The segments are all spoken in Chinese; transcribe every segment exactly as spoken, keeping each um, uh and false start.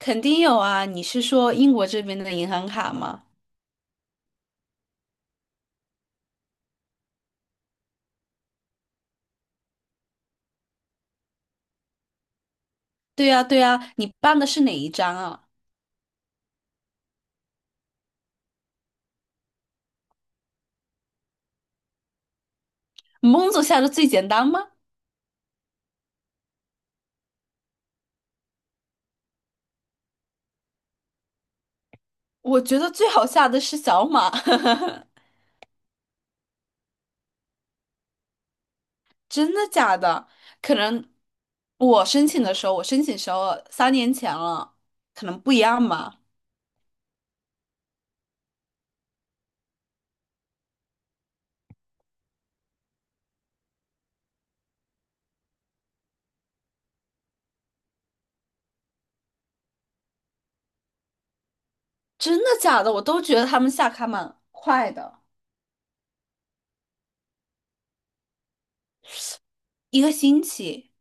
肯定有啊，你是说英国这边的银行卡吗？对呀，对呀，你办的是哪一张啊？蒙总下的最简单吗？我觉得最好下的是小马，真的假的？可能我申请的时候，我申请时候三年前了，可能不一样吧。真的假的？我都觉得他们下卡蛮快的，一个星期，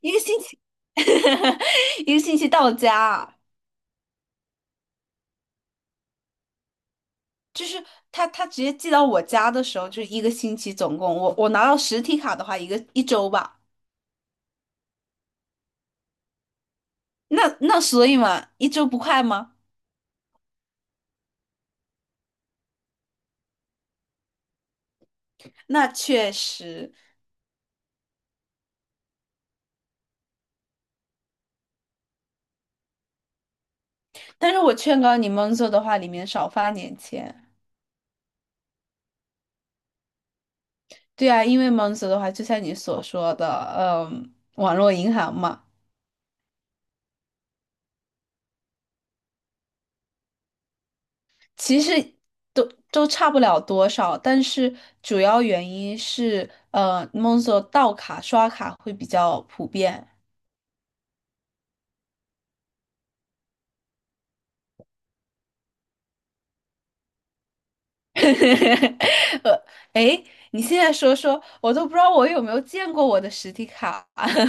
一个星期，一个星期到家。就是他他直接寄到我家的时候，就是一个星期总共，我我拿到实体卡的话，一个一周吧。那那所以嘛，一周不快吗？那确实，但是我劝告你，Monzo 的话里面少发点钱。对啊，因为 Monzo 的话，就像你所说的，嗯，网络银行嘛，其实都都差不了多少，但是主要原因是，呃，Monzo 盗卡刷卡会比较普遍。呃，哎，你现在说说，我都不知道我有没有见过我的实体卡。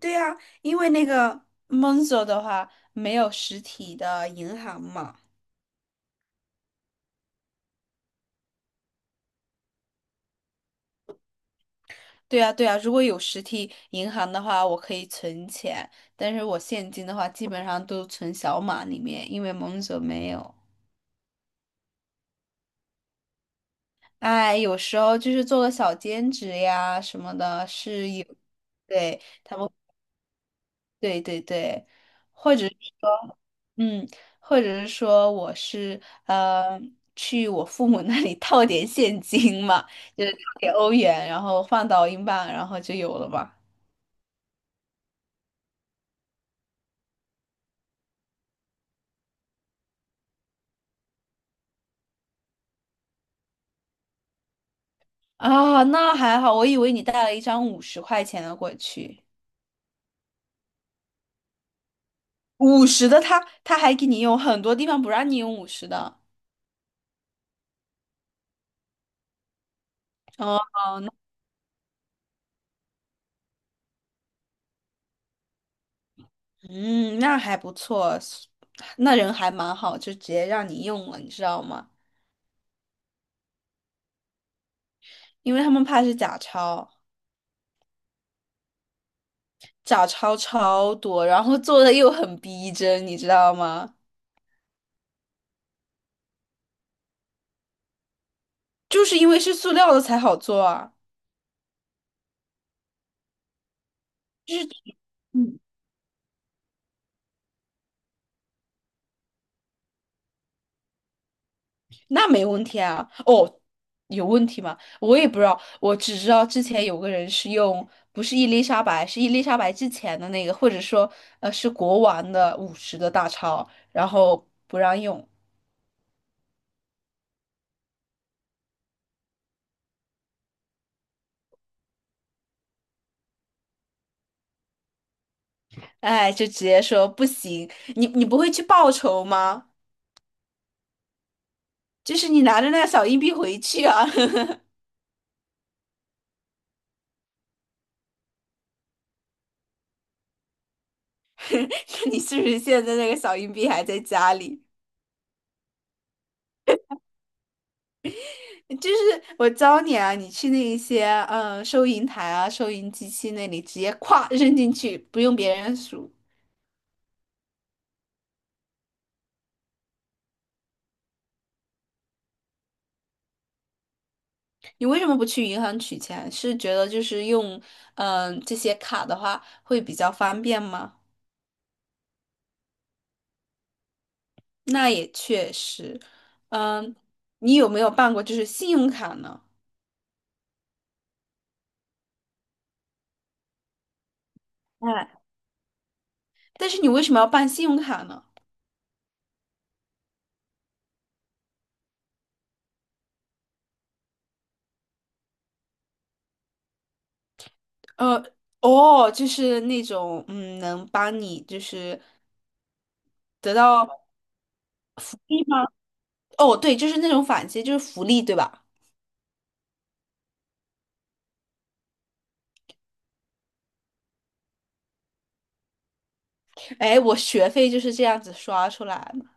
对呀，因为那个 Monzo 的话没有实体的银行嘛。对呀，对呀，如果有实体银行的话，我可以存钱，但是我现金的话基本上都存小码里面，因为 Monzo 没有。哎，有时候就是做个小兼职呀什么的，是有，对对对对，或者说。嗯，或者是说我是呃去我父母 那里套点现金嘛，就是套点欧元，然后换到英镑，然后就有了嘛。啊，那还好，我以为你带了一张五十块钱的过去，五十的他他还给你用，很多地方不让你用五十的。哦，嗯，那还不错，那人还蛮好，就直接让你用了，你知道吗？因为他们怕是假钞，假钞超多，然后做的又很逼真，你知道吗？就是因为是塑料的才好做啊，嗯，那没问题啊。哦，有问题吗？我也不知道，我只知道之前有个人是用，不是伊丽莎白，是伊丽莎白之前的那个，或者说呃是国王的五十的大钞，然后不让用，哎，就直接说不行，你你不会去报仇吗？就是你拿着那个小硬币回去啊，看你是不是现在那个小硬币还在家里。就是我教你啊，你去那一些嗯收银台啊、收银机器那里直接咵扔进去，不用别人数。你为什么不去银行取钱？是觉得就是用嗯、呃这些卡的话会比较方便吗？那也确实，嗯、你有没有办过就是信用卡呢？哎，但是你为什么要办信用卡呢？呃，哦，就是那种嗯，能帮你就是得到利吗？哦，对，就是那种返息，就是福利，对吧？哎，我学费就是这样子刷出来的。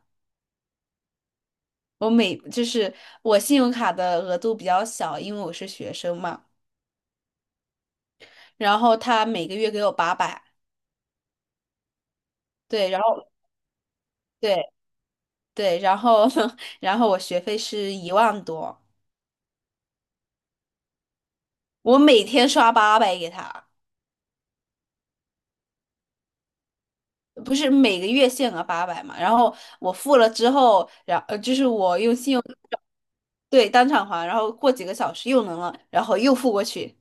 我每就是我信用卡的额度比较小，因为我是学生嘛。然后他每个月给我八百，对，然后对对，然后 然后我学费是一万多，我每天刷八百给他，不是每个月限额八百嘛。然后我付了之后，然对当场还，然后过几个小时又能了，然后又付过去，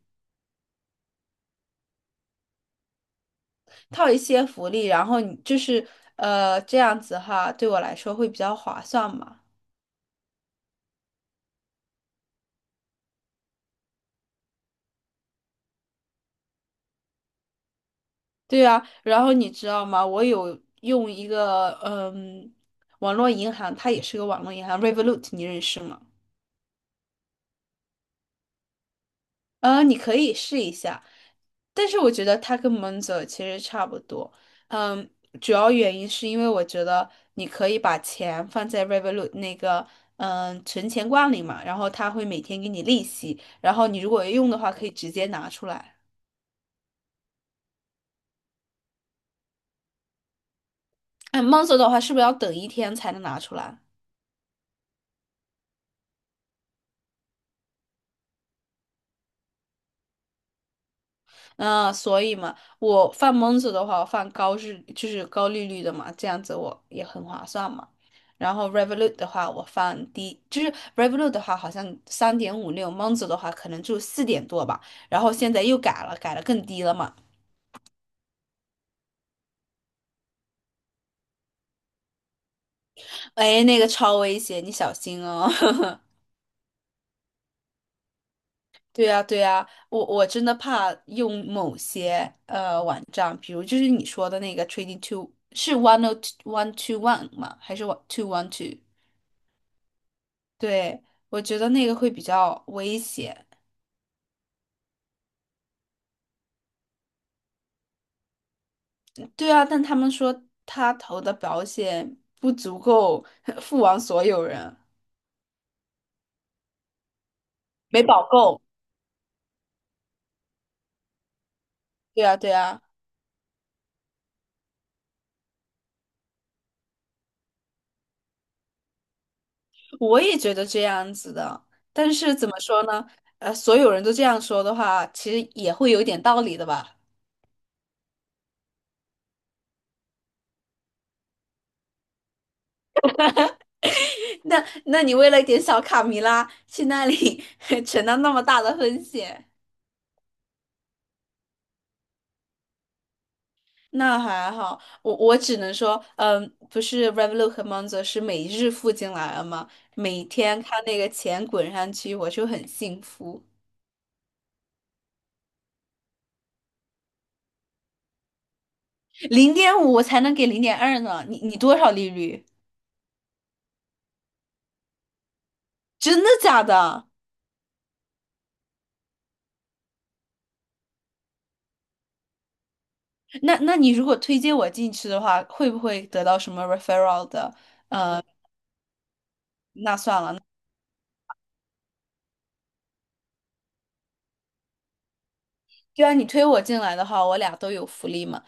套一些福利，然后你就是呃这样子哈，对我来说会比较划算嘛。对啊，然后你知道吗？我有用一个嗯，网络银行，它也是个网络银行，Revolut，你认识吗？嗯，你可以试一下，但是我觉得它跟 Monzo 其实差不多。嗯，主要原因是因为我觉得你可以把钱放在 Revolut 那个嗯存钱罐里嘛，然后它会每天给你利息，然后你如果用的话可以直接拿出来。哎，Monzo 的话是不是要等一天才能拿出来？嗯，所以嘛，我放蒙子的话，我放高日就是高利率的嘛，这样子我也很划算嘛。然后 Revolut 的话，我放低，就是 Revolut 的话好像三点五六，蒙子的话可能就四点多吧。然后现在又改了，改了更低了嘛。哎，那个超危险，你小心哦。对呀，对呀，我我真的怕用某些呃网站，比如就是你说的那个 Trading Two 是 One O One Two One 吗？还是 One Two One Two？对，我觉得那个会比较危险。对啊，但他们说他投的保险不足够 付完所有人，没保够。对啊，对啊，我也觉得这样子的。但是怎么说呢？呃，所有人都这样说的话，其实也会有点道理的吧？那那你为了一点小卡米拉去那里 承担那么大的风险？那还好，我我只能说，嗯，不是 Revolut 和 Monzo 是每日付进来了吗？每天看那个钱滚上去，我就很幸福。零点五我才能给零点二呢，你你多少利率？真的假的？那那你如果推荐我进去的话，会不会得到什么 referral 的？那算了，就按你推我进来的话，我俩都有福利嘛。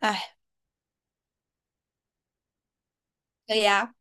哎，以呀。